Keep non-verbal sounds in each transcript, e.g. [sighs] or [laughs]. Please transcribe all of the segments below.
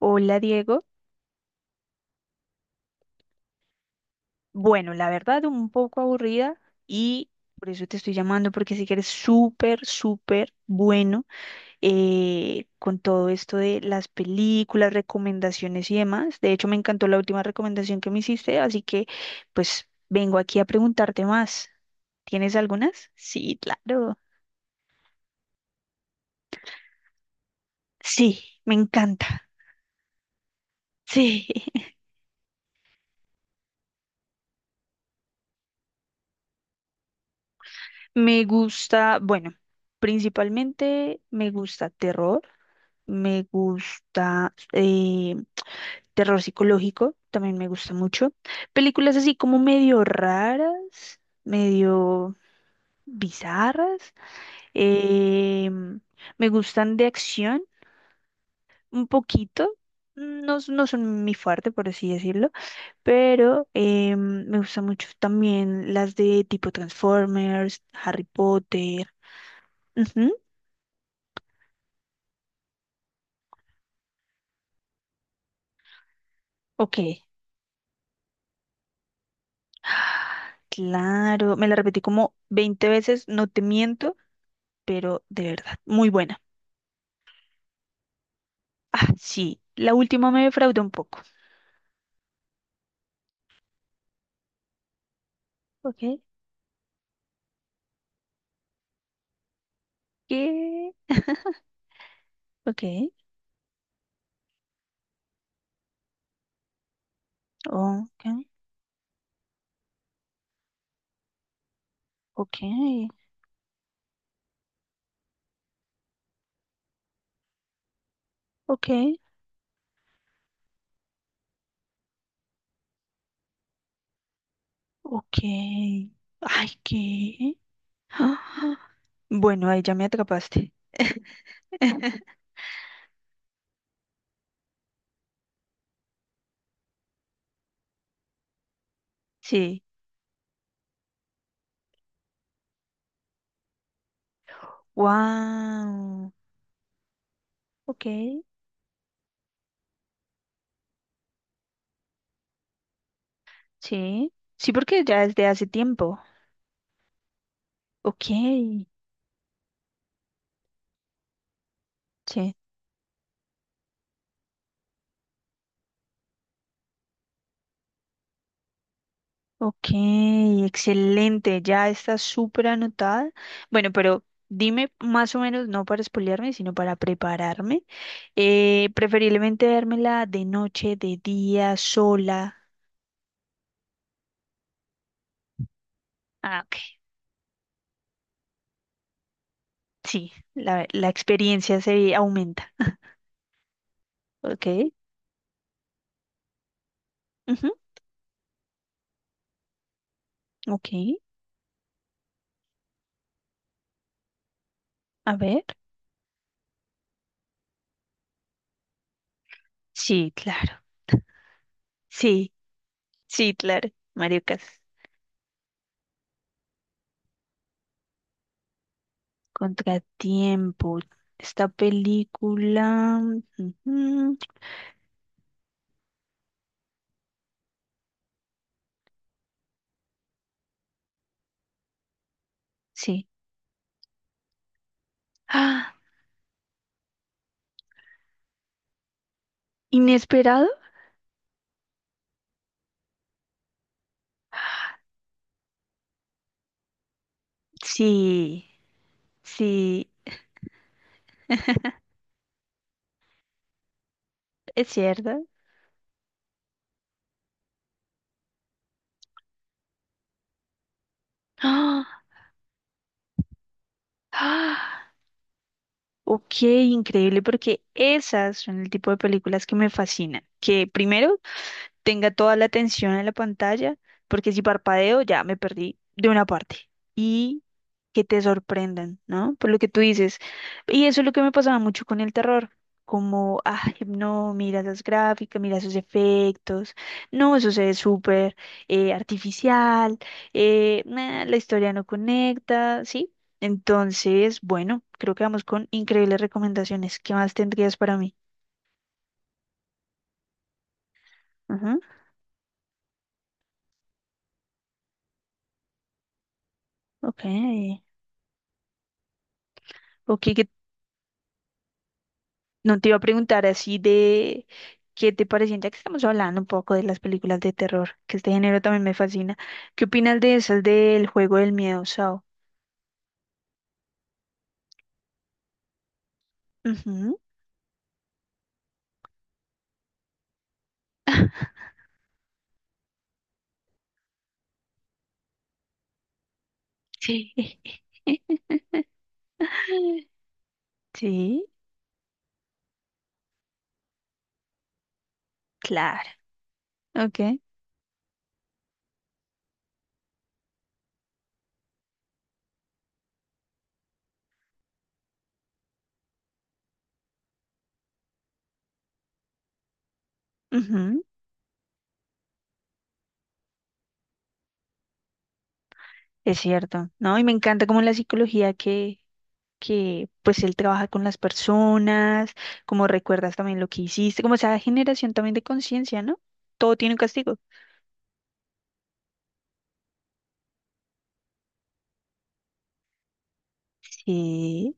Hola Diego. Bueno, la verdad un poco aburrida y por eso te estoy llamando porque sí que eres súper, súper bueno con todo esto de las películas, recomendaciones y demás. De hecho, me encantó la última recomendación que me hiciste, así que pues vengo aquí a preguntarte más. ¿Tienes algunas? Sí, claro. Sí, me encanta. Sí, [laughs] bueno, principalmente me gusta terror. Me gusta terror psicológico, también me gusta mucho. Películas así como medio raras, medio bizarras. eh, Me gustan de acción un poquito. No, no son mi fuerte, por así decirlo, pero me gustan mucho también las de tipo Transformers, Harry Potter. Ujú, ok. [gasps] [sighs] Claro, me la repetí como 20 veces, no te miento, pero de verdad, muy buena. Ah, sí, la última me defraudó un poco. Ok, ¿qué? Ok, ok, ok, ok, ok. Ay, ¿qué? [gasps] Ah, bueno, ahí ya me atrapaste. [laughs] Sí, wow. Ok, sí. Sí, porque ya es de hace tiempo. Ok, sí. Ok, excelente, ya está súper anotada. Bueno, pero dime más o menos, no para spoilearme, sino para prepararme. Preferiblemente dármela de noche, de día, sola. Ah, ok, sí, la experiencia se aumenta. [laughs] Ok, ujú, ok, a ver. Sí, claro, sí, sí, claro. Mariocas, Contratiempo, esta película. Ujú, sí. [gasps] ¿Inesperado? Sí, sí, es cierto. ¡Ah! ¡Ah! Ok, increíble, porque esas son el tipo de películas que me fascinan. Que primero tenga toda la atención en la pantalla, porque si parpadeo ya me perdí de una parte. Que te sorprendan, ¿no? Por lo que tú dices. Y eso es lo que me pasaba mucho con el terror. Como, ay, no, mira esas gráficas, mira esos efectos, no, eso se ve súper artificial, nah, la historia no conecta, ¿sí? Entonces, bueno, creo que vamos con increíbles recomendaciones. ¿Qué más tendrías para mí? Ajá, Ok, ok, ¿qué No te iba a preguntar así de qué te parecían, ya que estamos hablando un poco de las películas de terror, que este género también me fascina. ¿Qué opinas de esas del juego del miedo, Sao? Ujú. [laughs] Sí. [laughs] Sí, claro. Ok. Ujú. Es cierto, ¿no? Y me encanta como la psicología que pues él trabaja con las personas, como recuerdas también lo que hiciste, como esa generación también de conciencia, ¿no? Todo tiene un castigo. Sí,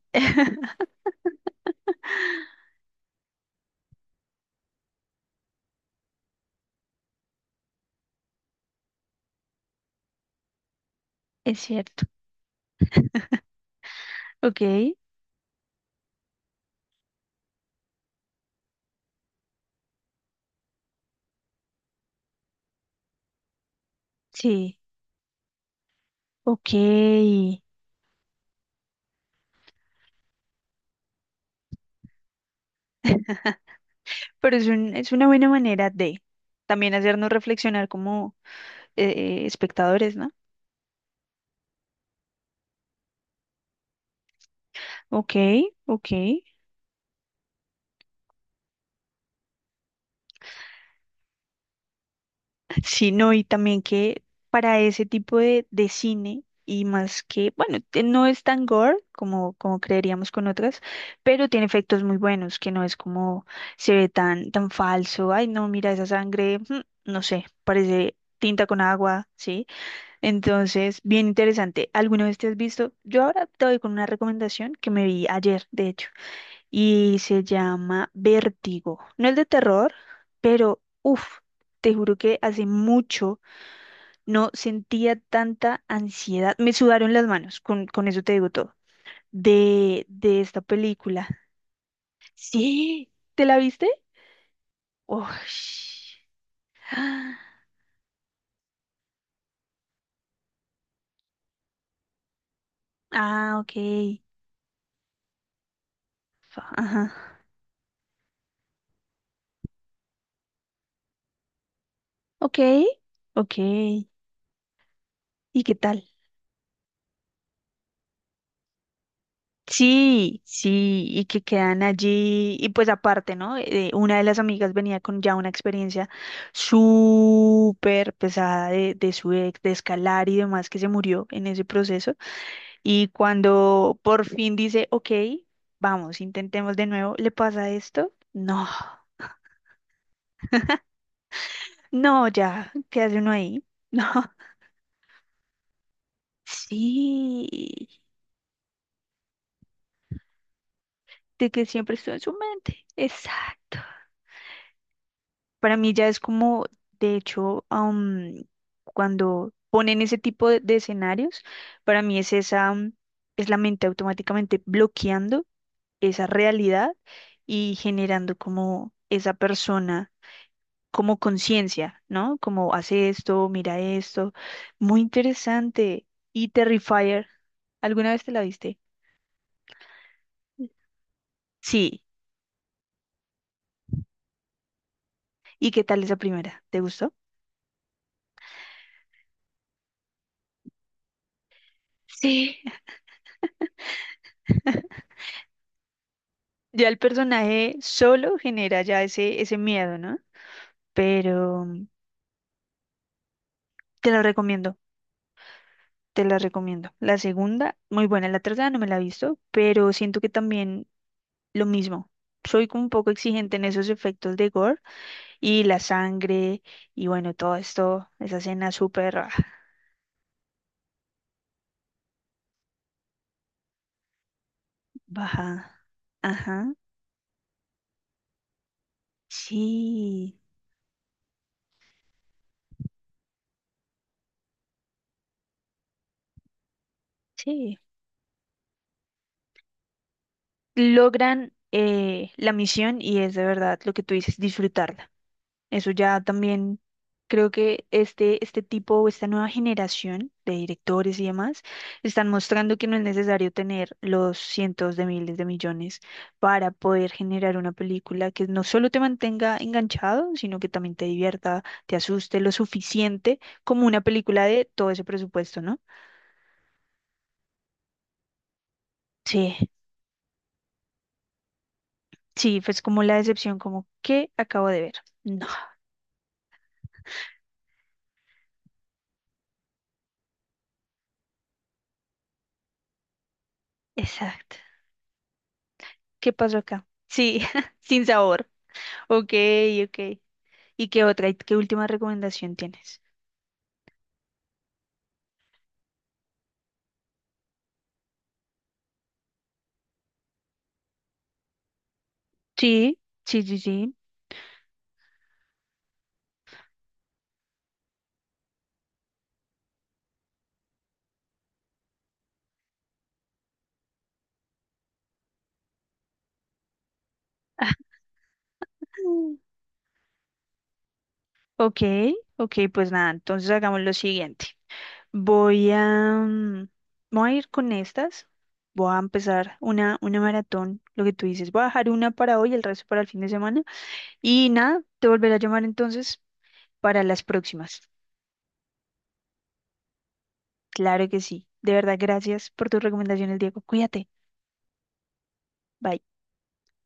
es cierto. Ok, sí, ok. Pero es una buena manera de también hacernos reflexionar como espectadores, ¿no? Ok, ok. Sí, no, y también que para ese tipo de cine, y más que, bueno, no es tan gore como creeríamos con otras, pero tiene efectos muy buenos, que no es como se ve tan, tan falso. Ay, no, mira esa sangre, no sé, parece tinta con agua, ¿sí? Entonces, bien interesante. ¿Alguna vez te has visto? Yo ahora te doy con una recomendación que me vi ayer, de hecho, y se llama Vértigo. No es de terror, pero uff, te juro que hace mucho no sentía tanta ansiedad. Me sudaron las manos, con eso te digo todo, de esta película. Sí, ¿te la viste? Uy. Ah, ok. Ajá. Ok, ok. ¿Y qué tal? Sí, sí, y que quedan allí, y pues aparte, ¿no? Una de las amigas venía con ya una experiencia súper pesada de su ex, de escalar y demás, que se murió en ese proceso, y cuando por fin dice, ok, vamos, intentemos de nuevo, ¿le pasa esto? No, no, ya, ¿qué hace uno ahí? [laughs] No, sí, de que siempre estuvo en su mente, exacto. Para mí ya es como, de hecho, cuando ponen ese tipo de escenarios, para mí es esa, es la mente automáticamente bloqueando esa realidad y generando como esa persona, como conciencia, ¿no? Como hace esto, mira esto. Muy interesante. Y Terrifier, ¿alguna vez te la viste? Sí. ¿Y qué tal esa primera? ¿Te gustó? Sí. Ya el personaje solo genera ya ese miedo, ¿no? Pero te la recomiendo, te la recomiendo. La segunda, muy buena, la tercera no me la he visto, pero siento que también lo mismo. Soy como un poco exigente en esos efectos de gore y la sangre y bueno, todo esto, esa escena súper baja. Ajá, sí, sí. Logran la misión y es de verdad lo que tú dices, disfrutarla. Eso ya también creo que este tipo o esta nueva generación de directores y demás están mostrando que no es necesario tener los cientos de miles de millones para poder generar una película que no solo te mantenga enganchado, sino que también te divierta, te asuste lo suficiente como una película de todo ese presupuesto, ¿no? Sí, sí, pues como la decepción, como ¿qué acabo de ver? No, exacto. ¿Qué pasó acá? Sí, [laughs] sin sabor. Ok, ok. ¿Y qué otra? ¿Y qué última recomendación tienes? Sí, sí, sí, sí. Mm. Ok, ok, pues nada, entonces hagamos lo siguiente. Voy a, mm, Voy a ir con estas. Voy a empezar una maratón, lo que tú dices. Voy a dejar una para hoy, el resto para el fin de semana. Y nada, te volveré a llamar entonces para las próximas. Claro que sí. De verdad, gracias por tus recomendaciones, Diego. Cuídate. Bye.